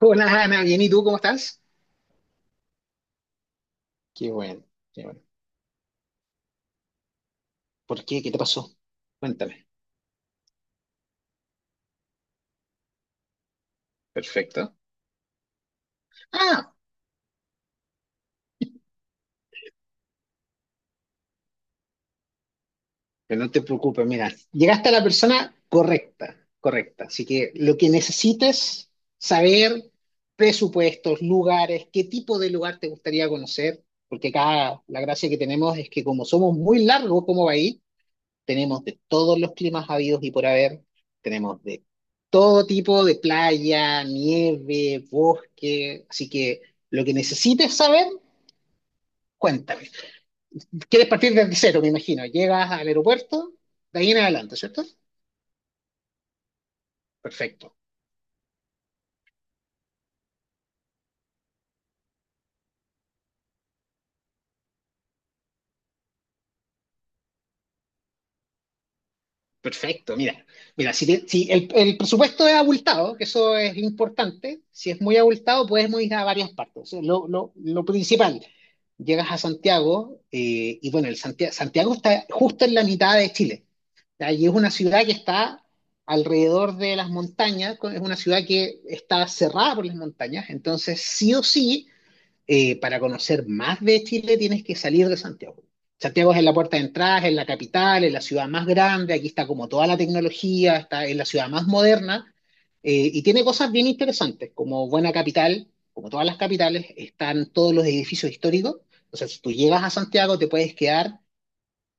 Hola Ana, bien, ¿y tú cómo estás? Qué bueno, qué bueno. ¿Por qué? ¿Qué te pasó? Cuéntame. Perfecto. Ah, pero no te preocupes, mira, llegaste a la persona correcta, correcta. Así que lo que necesites, saber presupuestos, lugares, qué tipo de lugar te gustaría conocer, porque acá la gracia que tenemos es que como somos muy largos como país, tenemos de todos los climas habidos y por haber, tenemos de todo tipo de playa, nieve, bosque, así que lo que necesites saber, cuéntame. Quieres partir desde cero, me imagino. Llegas al aeropuerto, de ahí en adelante, ¿cierto? Perfecto. Perfecto, mira, si el presupuesto es abultado, que eso es importante, si es muy abultado, podemos ir a varias partes. O sea, lo principal, llegas a Santiago, y bueno, el Santiago, está justo en la mitad de Chile. O Y es una ciudad que está alrededor de las montañas, es una ciudad que está cerrada por las montañas, entonces sí o sí para conocer más de Chile tienes que salir de Santiago. Santiago es en la puerta de entrada, es la capital, es la ciudad más grande, aquí está como toda la tecnología, está en la ciudad más moderna, y tiene cosas bien interesantes, como buena capital, como todas las capitales, están todos los edificios históricos. O sea, si tú llegas a Santiago te puedes quedar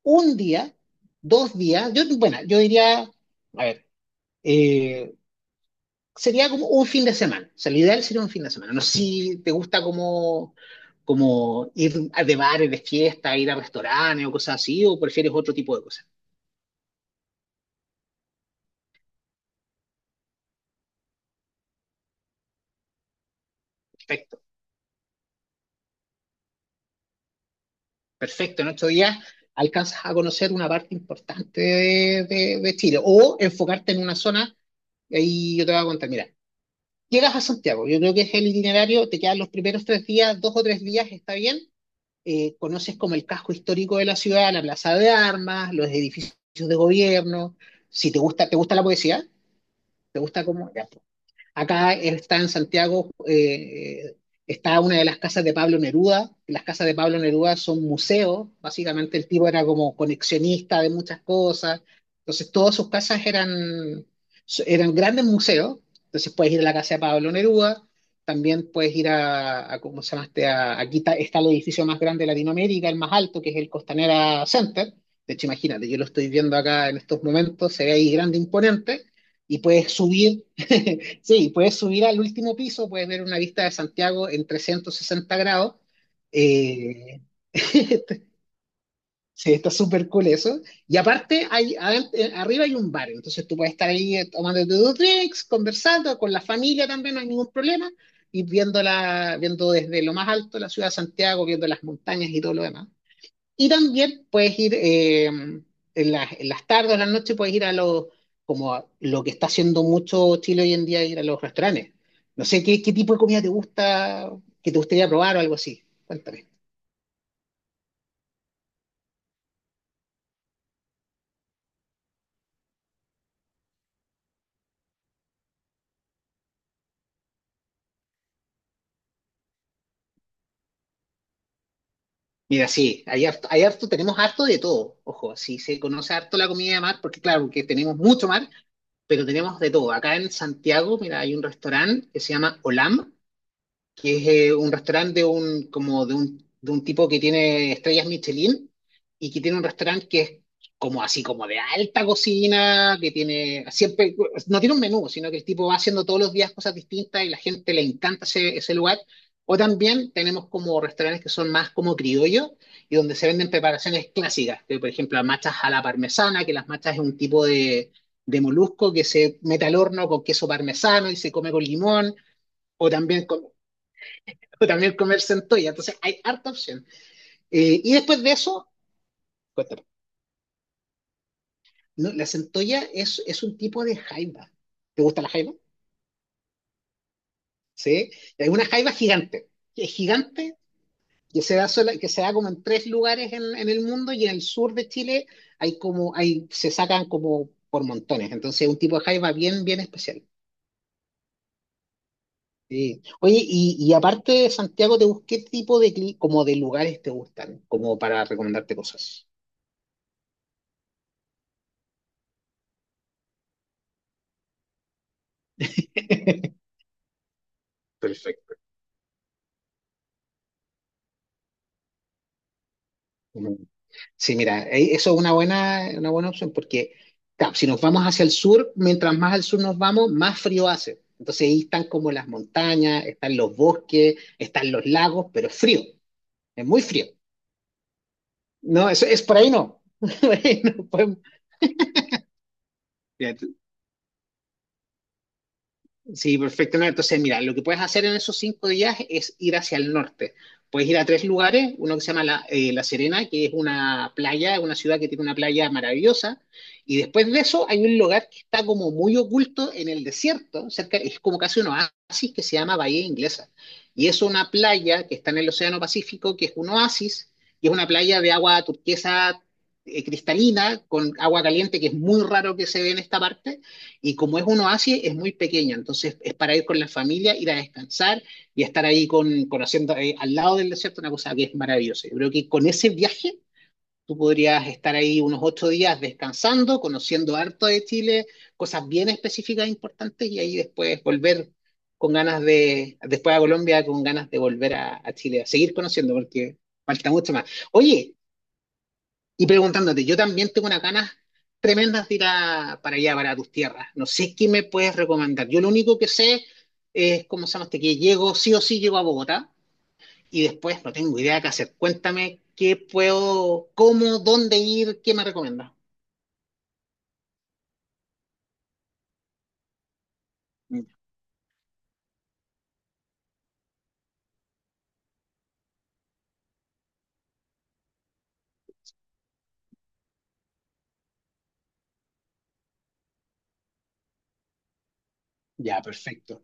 un día, 2 días. Yo, bueno, yo diría, a ver, eh, sería como un fin de semana. O sea, lo ideal sería un fin de semana. No sé si te gusta como, como ir a de bares, de fiesta, ir a restaurantes o cosas así, o prefieres otro tipo de cosas. Perfecto, perfecto. En 8 días alcanzas a conocer una parte importante de Chile, o enfocarte en una zona, y ahí yo te voy a contar. Mira, llegas a Santiago, yo creo que es el itinerario, te quedan los primeros 3 días, 2 o 3 días, está bien, conoces como el casco histórico de la ciudad, la plaza de armas, los edificios de gobierno. Si te gusta, ¿te gusta la poesía? ¿Te gusta cómo? Ya. Acá está en Santiago, está una de las casas de Pablo Neruda. Las casas de Pablo Neruda son museos, básicamente el tipo era como conexionista de muchas cosas. Entonces todas sus casas eran, eran grandes museos. Entonces puedes ir a la casa de Pablo Neruda, también puedes ir a, ¿cómo se llama este? Aquí está, el edificio más grande de Latinoamérica, el más alto, que es el Costanera Center. De hecho, imagínate, yo lo estoy viendo acá en estos momentos, se ve ahí grande, imponente, y puedes subir. Sí, puedes subir al último piso, puedes ver una vista de Santiago en 360°. Eh, sí, está súper cool eso. Y aparte, hay, arriba hay un bar, entonces tú puedes estar ahí, tomándote dos drinks, conversando con la familia también, no hay ningún problema, y viendo desde lo más alto la ciudad de Santiago, viendo las montañas y todo lo demás. Y también puedes ir, en las tardes o en las noches, puedes ir a como a lo que está haciendo mucho Chile hoy en día, ir a los restaurantes. No sé, ¿qué tipo de comida te gusta, que te gustaría probar o algo así? Cuéntame. Mira, sí, tenemos harto de todo. Ojo, sí se conoce harto la comida de mar, porque claro, que tenemos mucho mar, pero tenemos de todo. Acá en Santiago, mira, hay un restaurante que se llama Olam, que es, un restaurante de un, como de un tipo que tiene estrellas Michelin, y que tiene un restaurante que es como así, como de alta cocina, que tiene siempre, no tiene un menú, sino que el tipo va haciendo todos los días cosas distintas y la gente le encanta ese lugar. O también tenemos como restaurantes que son más como criollos y donde se venden preparaciones clásicas, que por ejemplo las machas a la parmesana, que las machas es un tipo de molusco que se mete al horno con queso parmesano y se come con limón. O también o también comer centolla. Entonces hay harta opción. Y después de eso, cuéntame. ¿No? La centolla es un tipo de jaiba. ¿Te gusta la jaiba? Sí. Es una jaiba gigante. Que Es gigante, que se da como en tres lugares en, el mundo, y en el sur de Chile se sacan como por montones. Entonces es un tipo de jaiba bien, bien especial. Sí. Oye, y aparte de Santiago, ¿qué tipo de, como de lugares te gustan? Como para recomendarte cosas. Perfecto. Ujú. Sí, mira, eso es una buena opción porque claro, si nos vamos hacia el sur, mientras más al sur nos vamos, más frío hace. Entonces ahí están como las montañas, están los bosques, están los lagos, pero es frío, es muy frío. No, eso es por ahí no. Por ahí no podemos. Sí, perfecto. No, entonces, mira, lo que puedes hacer en esos 5 días es ir hacia el norte. Puedes ir a tres lugares, uno que se llama La Serena, que es una playa, una ciudad que tiene una playa maravillosa, y después de eso hay un lugar que está como muy oculto en el desierto, cerca, es como casi un oasis, que se llama Bahía Inglesa, y es una playa que está en el Océano Pacífico, que es un oasis, y es una playa de agua turquesa, cristalina, con agua caliente, que es muy raro que se ve en esta parte, y como es un oasis, es muy pequeño, entonces es para ir con la familia, ir a descansar y estar ahí conociendo, al lado del desierto, una cosa que es maravillosa. Yo creo que con ese viaje tú podrías estar ahí unos 8 días descansando, conociendo harto de Chile, cosas bien específicas e importantes, y ahí después volver con ganas de, después a Colombia, con ganas de volver a Chile, a seguir conociendo porque falta mucho más. Oye, y preguntándote, yo también tengo unas ganas tremendas de ir para allá, para tus tierras. No sé qué me puedes recomendar. Yo lo único que sé es, ¿cómo se llama este? Que llego, sí o sí llego a Bogotá y después no tengo idea qué hacer. Cuéntame qué puedo, cómo, dónde ir, qué me recomiendas. Mm, ya, perfecto.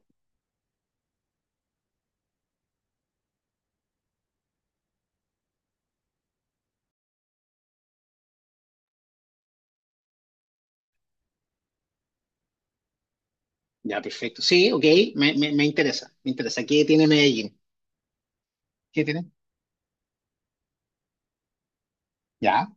Ya, perfecto. Sí, ok, me interesa, me interesa. ¿Qué tiene Medellín? ¿Qué tiene? Ya,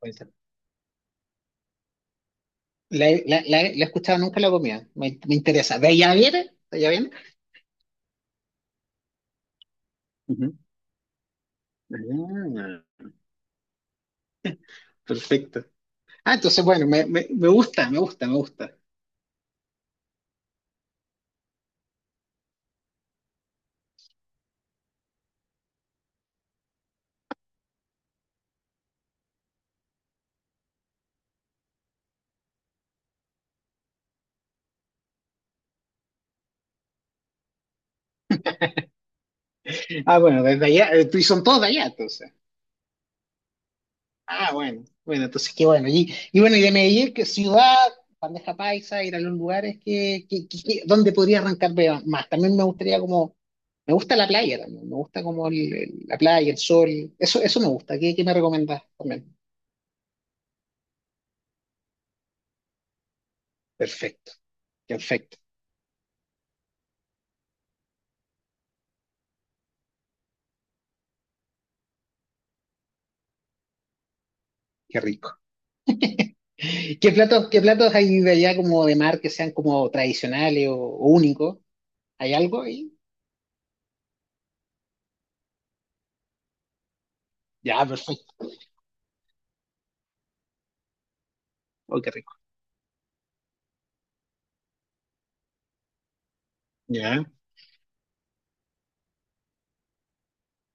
puede ser. La he escuchado, nunca la comía. Me interesa. ¿De allá viene? ¿De allá viene? Ujú. Ah, perfecto. Ah, entonces, bueno, me gusta, me gusta, me gusta. Ah, bueno, desde allá, y son todos de allá, entonces. Ah, bueno, bueno, entonces qué bueno. Y, bueno, y de Medellín, ¿qué ciudad, bandeja paisa, ir a los lugares donde podría arrancar más? También me gustaría como, me gusta la playa también, me gusta como la playa, el sol, eso me gusta. ¿Qué me recomendás también? Perfecto, perfecto, qué rico. ¿Qué platos hay de allá como de mar que sean como tradicionales o únicos? ¿Hay algo ahí? Ya, perfecto. Oh, qué rico. Ya,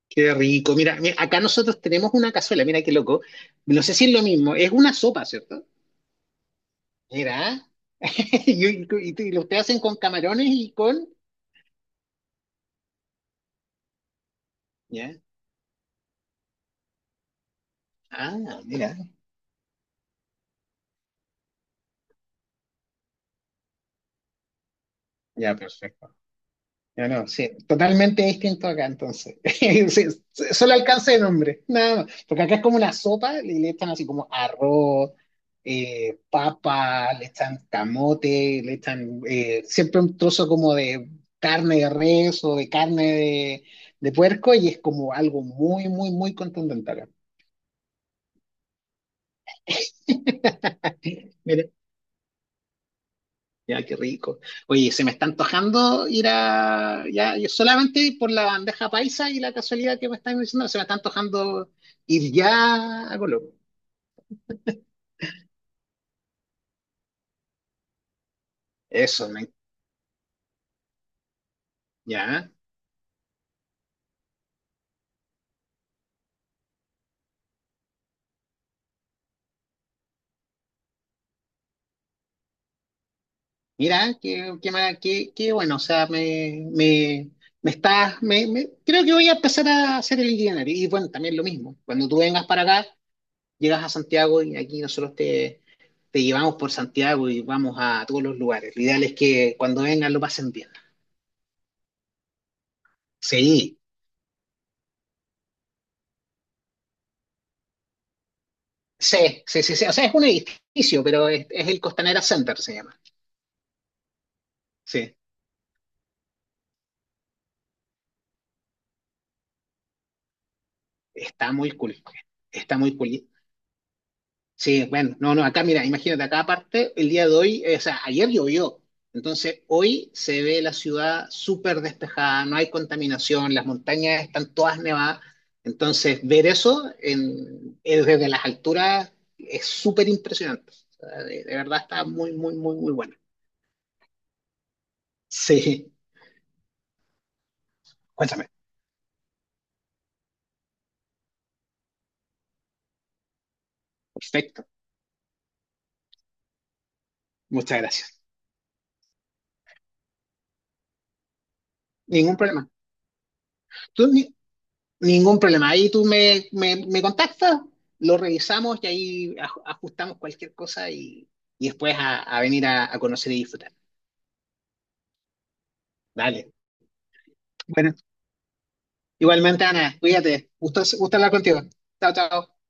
qué rico. Mira, acá nosotros tenemos una cazuela, mira qué loco. No sé si es lo mismo, es una sopa, ¿cierto? Mira, y lo ustedes hacen con camarones y con... Ya, ah, mira, ya, perfecto. No, no, sí, totalmente distinto acá entonces. Sí, sí, solo alcance de nombre, nada más. Porque acá es como una sopa, y le echan así como arroz, papa, le echan camote, le echan, siempre un trozo como de carne de res o de carne de puerco, y es como algo muy, muy, muy contundente acá. Ya, qué rico. Oye, se me está antojando ir a, ya, yo solamente por la bandeja paisa y la casualidad que me están diciendo, se me está antojando ir ya a Colombia. Eso, ya. Mira, qué bueno. O sea, me, me estás, creo que voy a empezar a hacer el itinerario. Y bueno, también lo mismo, cuando tú vengas para acá, llegas a Santiago y aquí nosotros te llevamos por Santiago, y vamos a todos los lugares. Lo ideal es que cuando vengan lo pasen bien. Sí. Sí, sí, sí, sí. O sea, es un edificio, pero es el Costanera Center, se llama. Sí, está muy cool. Está muy cool. Sí, bueno, no, no, acá, mira, imagínate, acá aparte, el día de hoy, o sea, ayer llovió. Entonces, hoy se ve la ciudad súper despejada, no hay contaminación, las montañas están todas nevadas. Entonces, ver eso, desde las alturas es súper impresionante. O sea, de verdad está muy, muy, muy, muy bueno. Sí, cuéntame. Perfecto. Muchas gracias. Ningún problema. Tú, ni- ningún problema. Ahí tú me contactas, lo revisamos y ahí ajustamos cualquier cosa, y, después a venir a conocer y disfrutar. Dale. Bueno, igualmente, Ana, cuídate. Gusto, gusto hablar contigo. Chao, chao.